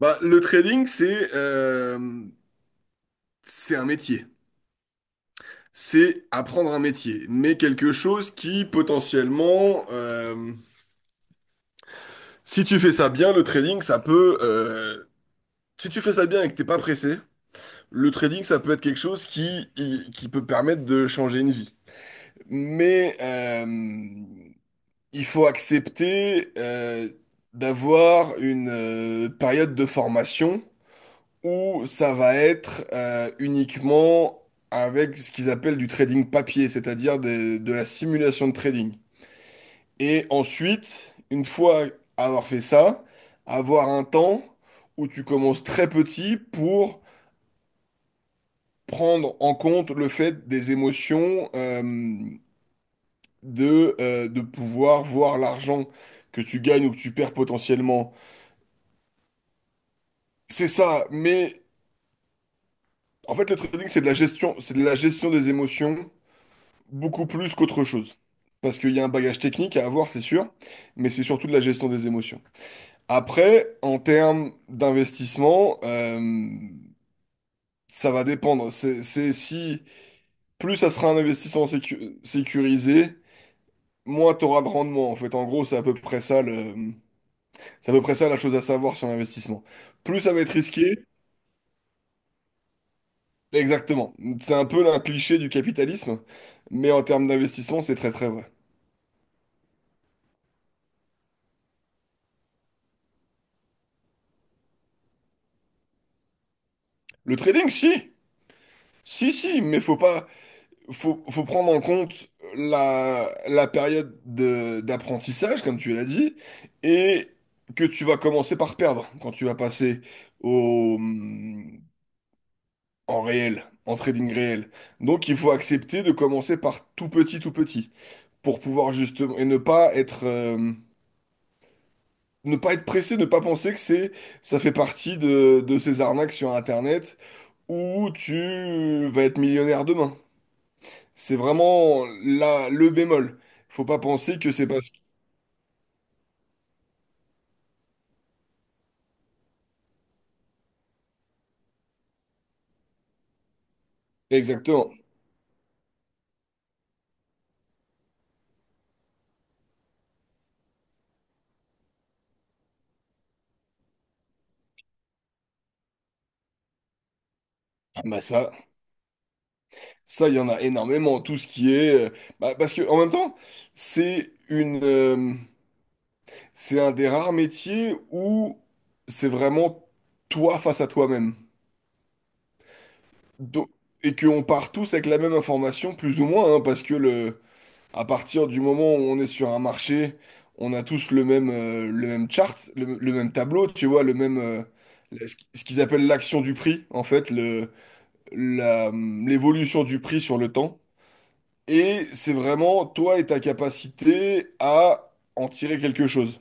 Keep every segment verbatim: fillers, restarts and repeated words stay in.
Bah, le trading, c'est euh, c'est un métier. C'est apprendre un métier, mais quelque chose qui potentiellement, euh, si tu fais ça bien, le trading, ça peut, euh, si tu fais ça bien et que t'es pas pressé, le trading, ça peut être quelque chose qui, qui, qui peut permettre de changer une vie. Mais euh, il faut accepter euh, d'avoir une euh, période de formation ou ça va être euh, uniquement avec ce qu'ils appellent du trading papier, c'est-à-dire des- de la simulation de trading. Et ensuite, une fois avoir fait ça, avoir un temps où tu commences très petit pour prendre en compte le fait des émotions, euh, de, euh, de pouvoir voir l'argent que tu gagnes ou que tu perds potentiellement. C'est ça, mais en fait le trading c'est de la gestion, c'est de la gestion des émotions, Beaucoup plus qu'autre chose. Parce qu'il y a un bagage technique à avoir, c'est sûr, mais c'est surtout de la gestion des émotions. Après, en termes d'investissement, euh, ça va dépendre. C'est, c'est si plus ça sera un investissement sécu- sécurisé, moins tu auras de rendement. En fait, en gros, c'est à peu près ça le, c'est à peu près ça la chose à savoir sur l'investissement. Plus ça va être risqué, exactement. C'est un peu un cliché du capitalisme, mais en termes d'investissement, c'est très très vrai. Le trading, si, si, si, mais faut pas. faut, faut prendre en compte la, la période de- d'apprentissage, comme tu l'as dit, et que tu vas commencer par perdre quand tu vas passer au, mm, en réel, en trading réel. Donc il faut accepter de commencer par tout petit, tout petit, pour pouvoir justement, et ne pas être, euh, ne pas être pressé, ne pas penser que c'est, ça fait partie de, de ces arnaques sur Internet où tu vas être millionnaire demain. C'est vraiment la le bémol. Faut pas penser que c'est parce que. Exactement. Bah ça, ça, il y en a énormément. Tout ce qui est. euh, bah, parce que en même temps, c'est une... euh, c'est un des rares métiers où c'est vraiment toi face à toi-même. Donc- et qu'on part tous avec la même information, plus ou moins, hein, parce que le. À partir du moment où on est sur un marché, on a tous le même, euh, le même chart, le, le même tableau, tu vois, le même, euh, le- ce qu- ce qu'ils appellent l'action du prix, en fait, le, la, l'évolution du prix sur le temps. Et c'est vraiment toi et ta capacité à en tirer quelque chose.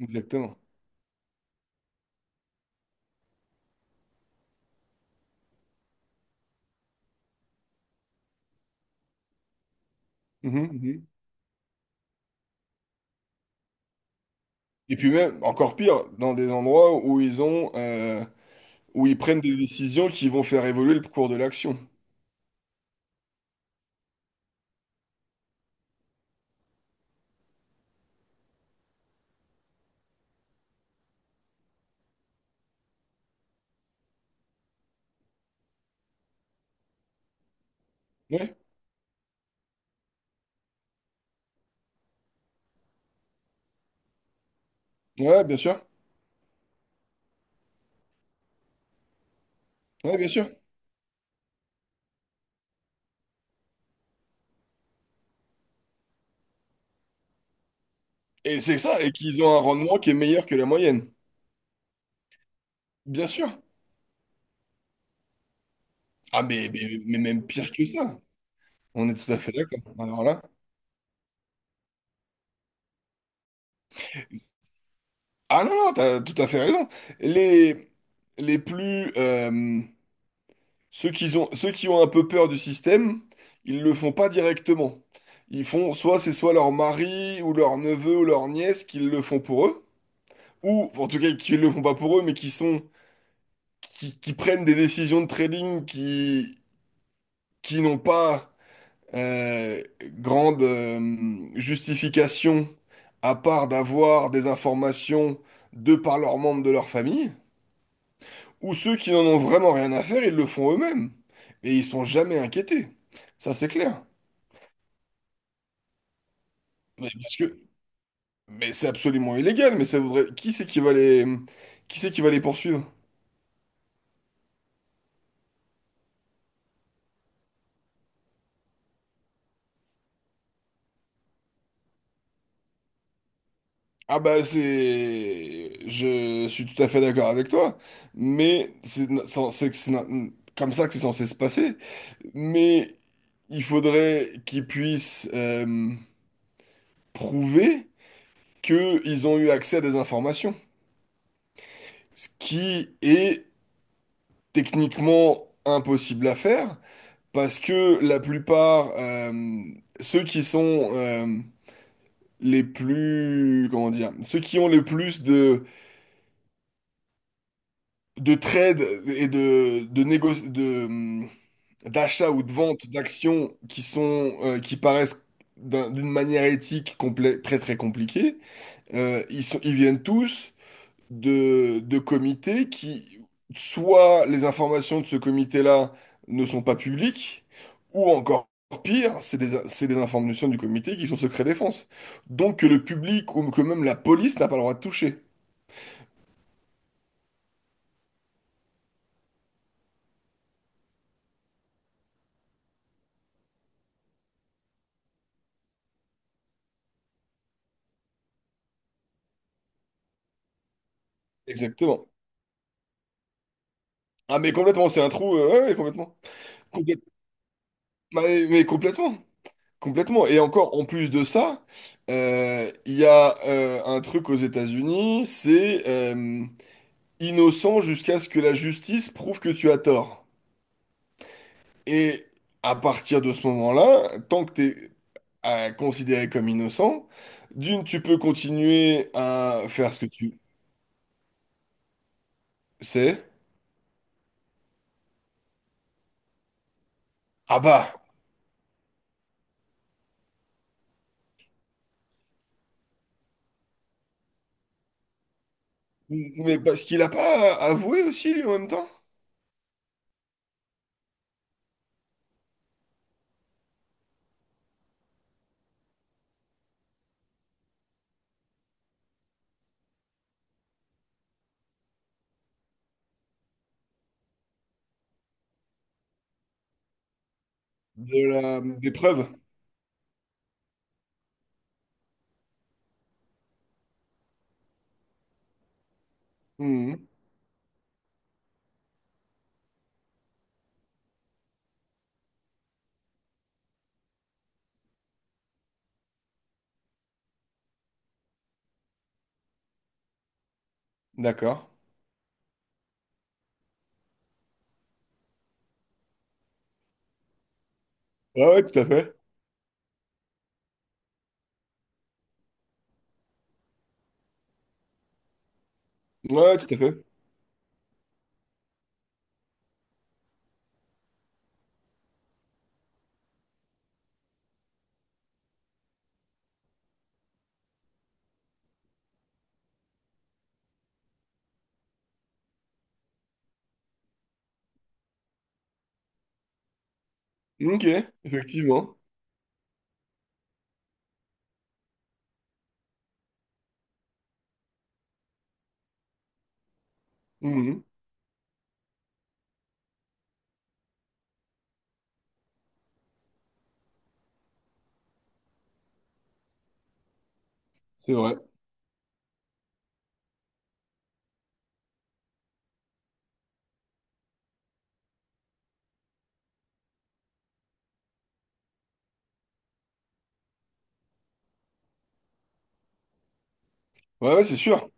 Exactement. Mhm, mhm. Et puis même, encore pire, dans des endroits où ils ont, euh, où ils prennent des décisions qui vont faire évoluer le cours de l'action. Ouais, ouais, bien sûr. Ouais, bien sûr. Et c'est ça, et qu'ils ont un rendement qui est meilleur que la moyenne. Bien sûr. Ah, mais, mais, mais même pire que ça. On est tout à fait d'accord. Alors là. Ah non, non, t'as tout à fait raison. Les, les plus. Euh, ceux qui ont, ceux qui ont un peu peur du système, ils le font pas directement. Ils font soit c'est soit leur mari ou leur neveu ou leur nièce qui le font pour eux, ou en tout cas qui le font pas pour eux, mais qui sont. qui, qui prennent des décisions de trading qui, qui n'ont pas Euh, grande euh, justification à part d'avoir des informations de par leurs membres de leur famille, ou ceux qui n'en ont vraiment rien à faire, ils le font eux-mêmes. Et ils sont jamais inquiétés. Ça, c'est clair. Mais parce que, mais c'est absolument illégal, mais ça voudrait. Qui c'est qui va les. Qui c'est qui va les poursuivre? Ah bah c'est. Je suis tout à fait d'accord avec toi, mais c'est c'est- c'est- que c'est comme ça que c'est censé se passer. Mais il faudrait qu'ils puissent euh, prouver qu'ils ont eu accès à des informations. Ce qui est techniquement impossible à faire, parce que la plupart, euh, ceux qui sont euh, les plus, comment dire, ceux qui ont le plus de, de trades et de, de négo- de, hum, d'achats ou de vente d'actions qui sont, euh, qui paraissent d'un- d'une manière éthique complè- très très compliquée. Euh, ils sont, ils viennent tous de, de comités qui, soit les informations de ce comité-là ne sont pas publiques, ou encore pire, c'est des, c'est des informations du comité qui sont secret défense. Donc que le public ou que même la police n'a pas le droit de toucher. Exactement. Ah mais complètement, c'est un trou, euh, ouais, ouais, complètement. Complète- Bah, mais, mais complètement. Complètement. Et encore, en plus de ça, euh, il y a euh, un truc aux États-Unis, c'est... euh, innocent jusqu'à ce que la justice prouve que tu as tort. Et à partir de ce moment-là, tant que t'es es considéré comme innocent, d'une, tu peux continuer à faire ce que tu sais. Ah bah, mais parce qu'il a pas avoué aussi, lui, en même temps, de la, des preuves. Mhm. D'accord. Ouais, ouais, tout à fait. Ouais, tout à fait. Ok, effectivement. Mhm. C'est vrai. Ouais, ouais, c'est sûr.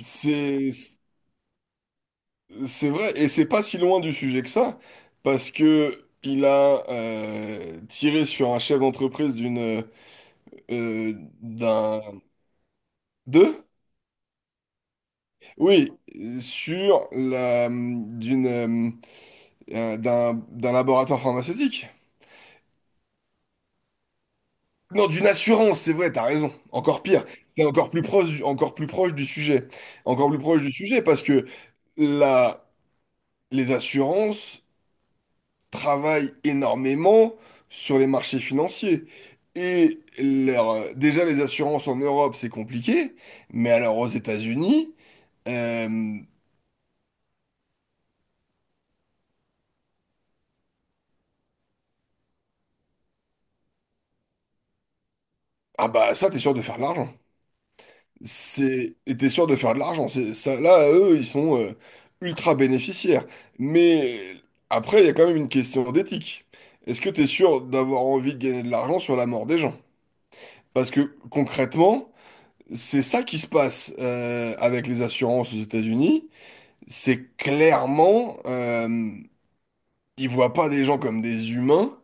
C'est C'est vrai, et c'est pas si loin du sujet que ça, parce que il a euh, tiré sur un chef d'entreprise d'une euh, d'un de oui sur la d'une euh, euh, d'un d'un laboratoire pharmaceutique. Non, d'une assurance, c'est vrai, t'as raison. Encore pire, c'est encore plus proche du, encore plus proche du sujet, encore plus proche du sujet parce que la les assurances travaillent énormément sur les marchés financiers. Et leur- euh, déjà, les assurances en Europe, c'est compliqué, mais alors aux États-Unis, euh, ah bah ça, t'es sûr de faire de l'argent. C'est, et t'es sûr de faire de l'argent. C'est, ça, là, eux, ils sont euh, ultra bénéficiaires. Mais après, il y a quand même une question d'éthique. Est-ce que t'es sûr d'avoir envie de gagner de l'argent sur la mort des gens? Parce que concrètement, c'est ça qui se passe euh, avec les assurances aux États-Unis. C'est clairement, euh, ils voient pas des gens comme des humains,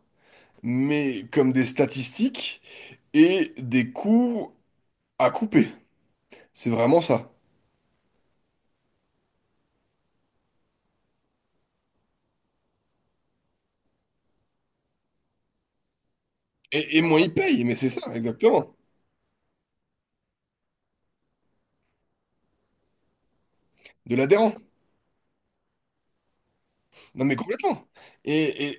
mais comme des statistiques et des coûts à couper. C'est vraiment ça. Et, et moins ils payent, mais c'est ça, exactement. De l'adhérent. Non, mais complètement. Et,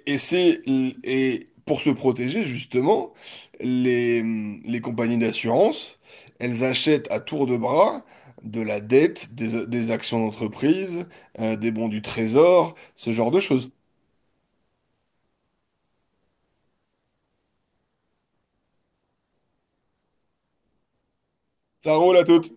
et, et c'est, et pour se protéger, justement, les, les compagnies d'assurance, elles achètent à tour de bras de la dette, des, des actions d'entreprise, euh, des bons du trésor, ce genre de choses. Ça roule à toutes.